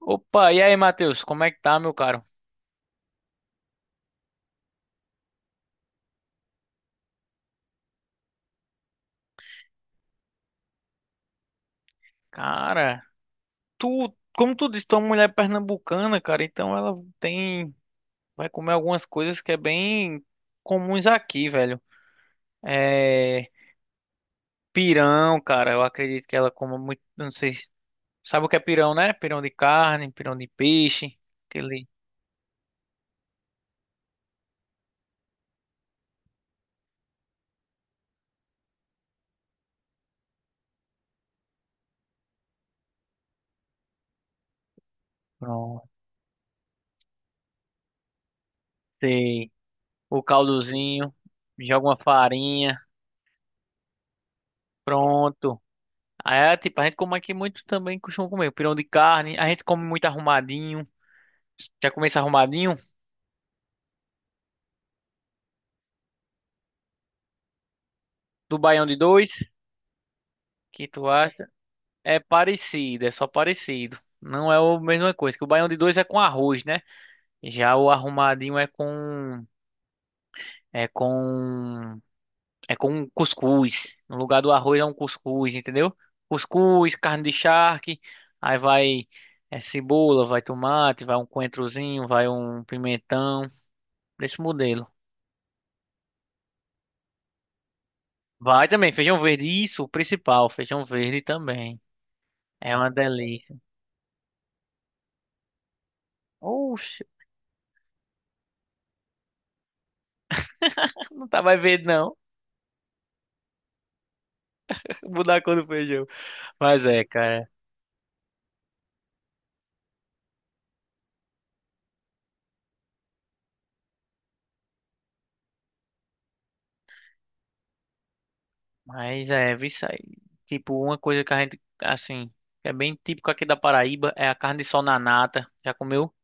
Opa, e aí, Matheus, como é que tá, meu caro? Cara, tu, como tu disse, tu é uma mulher pernambucana, cara, então ela tem, vai comer algumas coisas que é bem comuns aqui, velho. É, pirão, cara, eu acredito que ela coma muito, não sei, sabe o que é pirão, né? Pirão de carne, pirão de peixe, aquele, pronto, sei, o caldozinho, joga uma farinha, pronto. Aí, tipo, a gente come aqui muito também, costuma comer pirão de carne, a gente come muito arrumadinho. Já começa arrumadinho? Do Baião de dois, que tu acha? É parecido, é só parecido. Não é a mesma coisa, que o Baião de dois é com arroz, né? Já o arrumadinho é com é com um cuscuz. No lugar do arroz é um cuscuz, entendeu? Cuscuz, carne de charque, aí vai é, cebola, vai tomate, vai um coentrozinho, vai um pimentão, desse modelo. Vai também feijão verde, isso, o principal, feijão verde também. É uma delícia. Oxe, não tá mais verde, não. Mudar a cor do feijão. Mas é, cara. Mas é, vi isso aí. Tipo, uma coisa que a gente, assim, que é bem típico aqui da Paraíba, é a carne de sol na nata. Já comeu?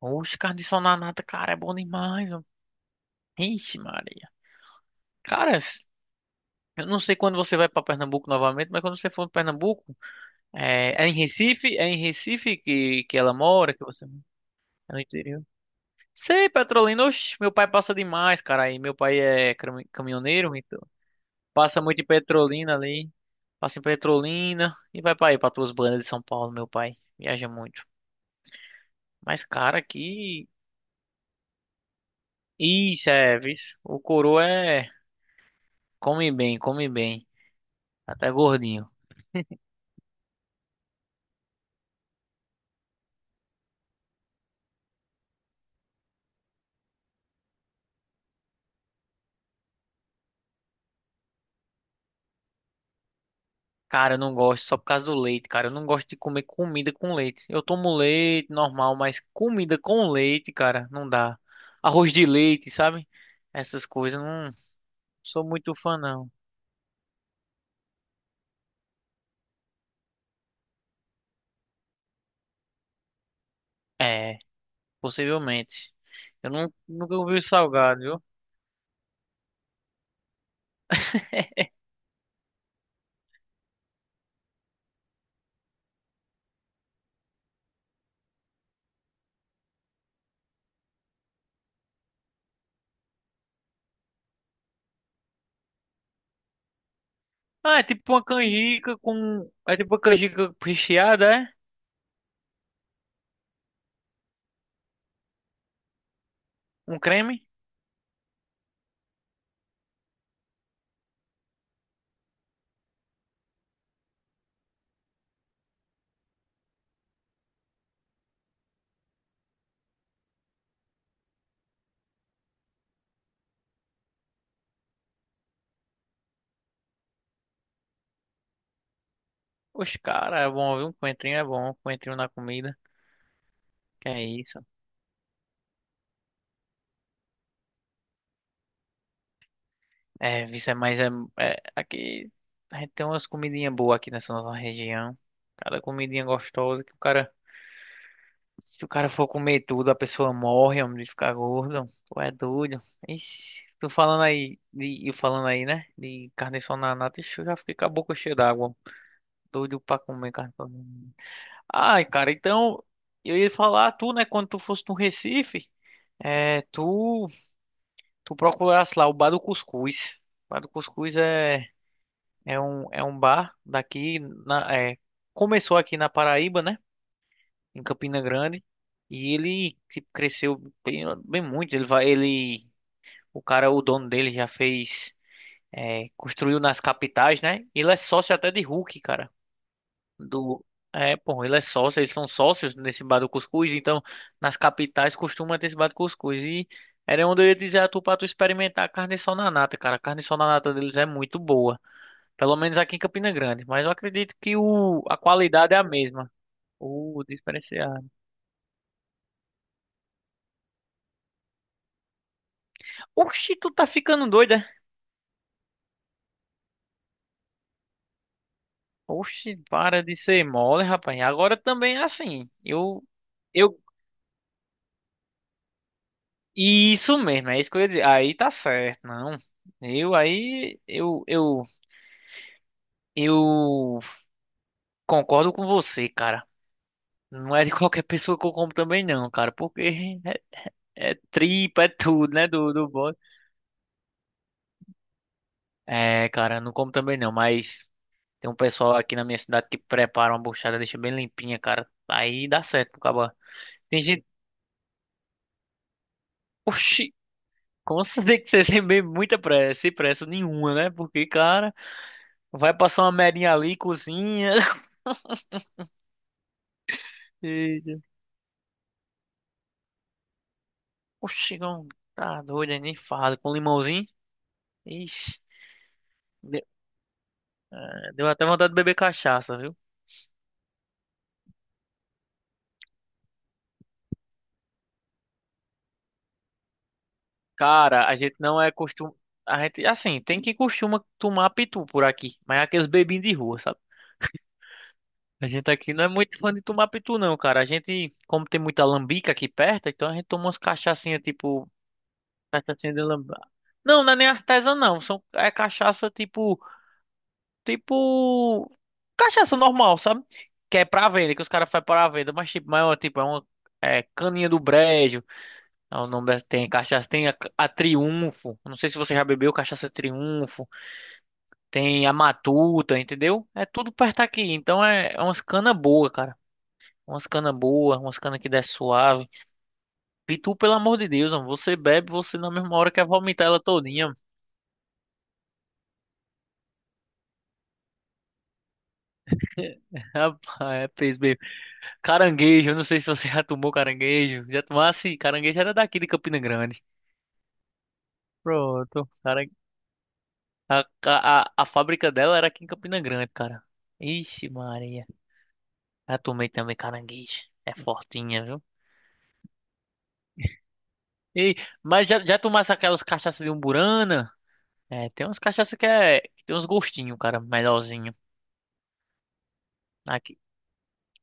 Oxe, carne de sol na nata, cara, é bom demais, ó. Ixi, Maria. Cara, eu não sei quando você vai pra Pernambuco novamente, mas quando você for pra Pernambuco, é, é em Recife? É em Recife que ela mora, que você... É no interior. Sei, Petrolina, oxe, meu pai passa demais, cara, aí. Meu pai é caminhoneiro, então passa muito em Petrolina ali. Passa em Petrolina e vai pra aí, pra tuas bandas de São Paulo, meu pai. Viaja muito. Mas, cara, aqui. Isso, é, vixe. O coroa é. Come bem, come bem. Até gordinho. Cara, eu não gosto só por causa do leite, cara. Eu não gosto de comer comida com leite. Eu tomo leite normal, mas comida com leite, cara, não dá. Arroz de leite, sabe? Essas coisas, eu não sou muito fã, não. É, possivelmente. Eu não, nunca ouvi salgado, viu? Ah, é tipo uma canjica com. É tipo uma canjica recheada, é? Um creme? Oxe, cara, é bom, viu? Um coentrinho é bom, um coentrinho na comida. Que é isso? É, isso é mais. É, é- aqui. A gente tem umas comidinhas boas aqui nessa nossa região. Cada comidinha gostosa que o cara. Se o cara for comer tudo, a pessoa morre, homem, de ficar gordo. Tu é doido. Ixi, tô falando aí. De, eu falando aí, né? De carne só na nata. Ixi, eu já fiquei com a boca cheia d'água. Doido pra comer carne só na nata. Ai, cara, então eu ia falar, tu, né, quando tu fosse no Recife, é, tu, tu procurasse lá o Bar do Cuscuz. O Bar do Cuscuz é, é um bar daqui, na, é, começou aqui na Paraíba, né, em Campina Grande, e ele tipo, cresceu bem, bem muito. Ele vai, ele, o cara, o dono dele já fez, é, construiu nas capitais, né, ele é sócio até de Hulk, cara. Do. É, pô, ele é sócio, eles são sócios nesse bar do Cuscuz, então nas capitais costuma ter esse bar do Cuscuz. E era onde eu ia dizer a tu pra tu experimentar a carne sol na nata, cara. A carne sol na nata deles é muito boa. Pelo menos aqui em Campina Grande, mas eu acredito que o, a qualidade é a mesma. O diferenciado. Oxi, tu tá ficando doida? Oxi, para de ser mole, rapaz. Agora também é assim. Eu, isso mesmo, é isso que eu ia dizer. Aí tá certo, não. Eu aí, eu concordo com você, cara. Não é de qualquer pessoa que eu como também, não, cara. Porque é, é tripa, é tudo, né? Do bode. É, cara, não como também não. Mas tem um pessoal aqui na minha cidade que prepara uma buchada, deixa bem limpinha, cara. Aí dá certo pro cabra. Tem gente. Oxi, como você tem que ser sem bem muita pressa, sem pressa nenhuma, né? Porque, cara, vai passar uma merinha ali, cozinha. Eita. Oxi, não, tá doido, nem fala. Com limãozinho. Ixi. Deu até vontade de beber cachaça, viu? Cara, a gente não é costum... A gente, assim, tem quem costuma tomar pitu por aqui, mas é aqueles bebinhos de rua, sabe? A gente aqui não é muito fã de tomar pitu, não, cara. A gente, como tem muita lambica aqui perto, então a gente toma umas cachaçinhas, tipo, cachaçinha de lambica. Não, não é nem artesã, não. São, é cachaça, tipo, tipo, cachaça normal, sabe? Que é pra venda, que os caras fazem pra venda, mas, tipo, mas, ó, tipo, é uma é, caninha do brejo. Ah, o nome tem cachaça, tem a Triunfo. Não sei se você já bebeu cachaça Triunfo. Tem a Matuta, entendeu? É tudo perto aqui. Então é, é umas cana boa, cara. Umas cana boa, umas cana que desce suave. Pitu pelo amor de Deus, mano, você bebe, você na mesma hora quer vomitar ela todinha, mano. Rapaz, é peso mesmo. Caranguejo, eu não sei se você já tomou caranguejo. Já tomasse? Caranguejo era daqui de Campina Grande. Pronto. Cara, a fábrica dela era aqui em Campina Grande, cara. Ixi, Maria. Já tomei também caranguejo. É fortinha, viu? E, mas já, já tomasse aquelas cachaças de umburana? É, tem umas cachaças que é. Que tem uns gostinhos, cara, melhorzinho. Aqui.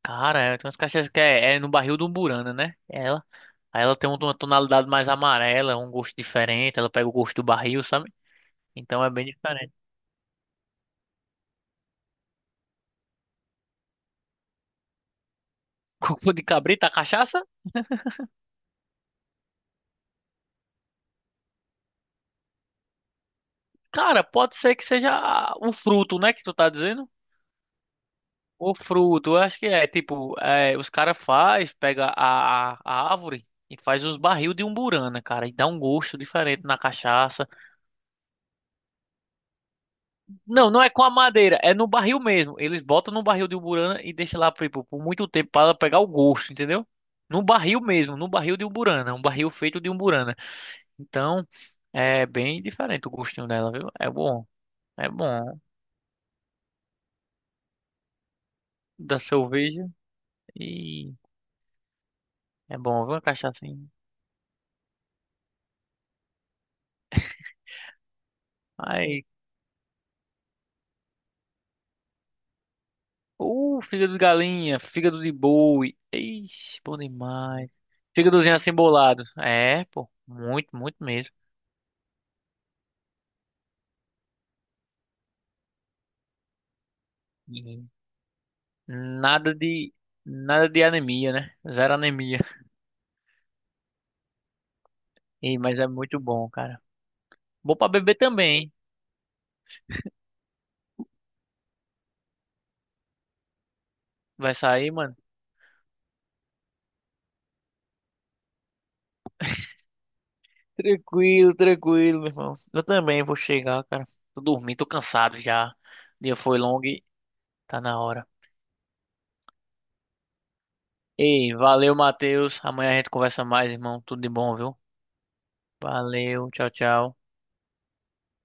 Cara, é, tem umas cachaças que é, é no barril do umburana, né? Ela. Aí ela tem uma tonalidade mais amarela, um gosto diferente. Ela pega o gosto do barril, sabe? Então é bem diferente. Cocô de cabrita, a cachaça? Cara, pode ser que seja o fruto, né? Que tu tá dizendo. O fruto, eu acho que é tipo, é, os caras faz, pega a árvore e faz os barril de umburana, cara, e dá um gosto diferente na cachaça. Não, não é com a madeira, é no barril mesmo. Eles botam no barril de umburana e deixam lá tipo, por muito tempo para ela pegar o gosto, entendeu? No barril mesmo, no barril de umburana, um barril feito de umburana. Então, é bem diferente o gostinho dela, viu? É bom da cerveja e é bom, viu, a cachaça. Fígado de galinha, fígado de boi. Ixi, bom demais. Fígadozinho assim bolado. É, pô, muito, muito mesmo. E nada de, nada de anemia, né? Zero anemia. Ih, mas é muito bom, cara. Bom pra beber também, hein? Vai sair, mano? Tranquilo, tranquilo, meu irmão. Eu também vou chegar, cara. Tô dormindo, tô cansado já. O dia foi longo e tá na hora. Ei, valeu, Matheus. Amanhã a gente conversa mais, irmão. Tudo de bom, viu? Valeu, tchau, tchau.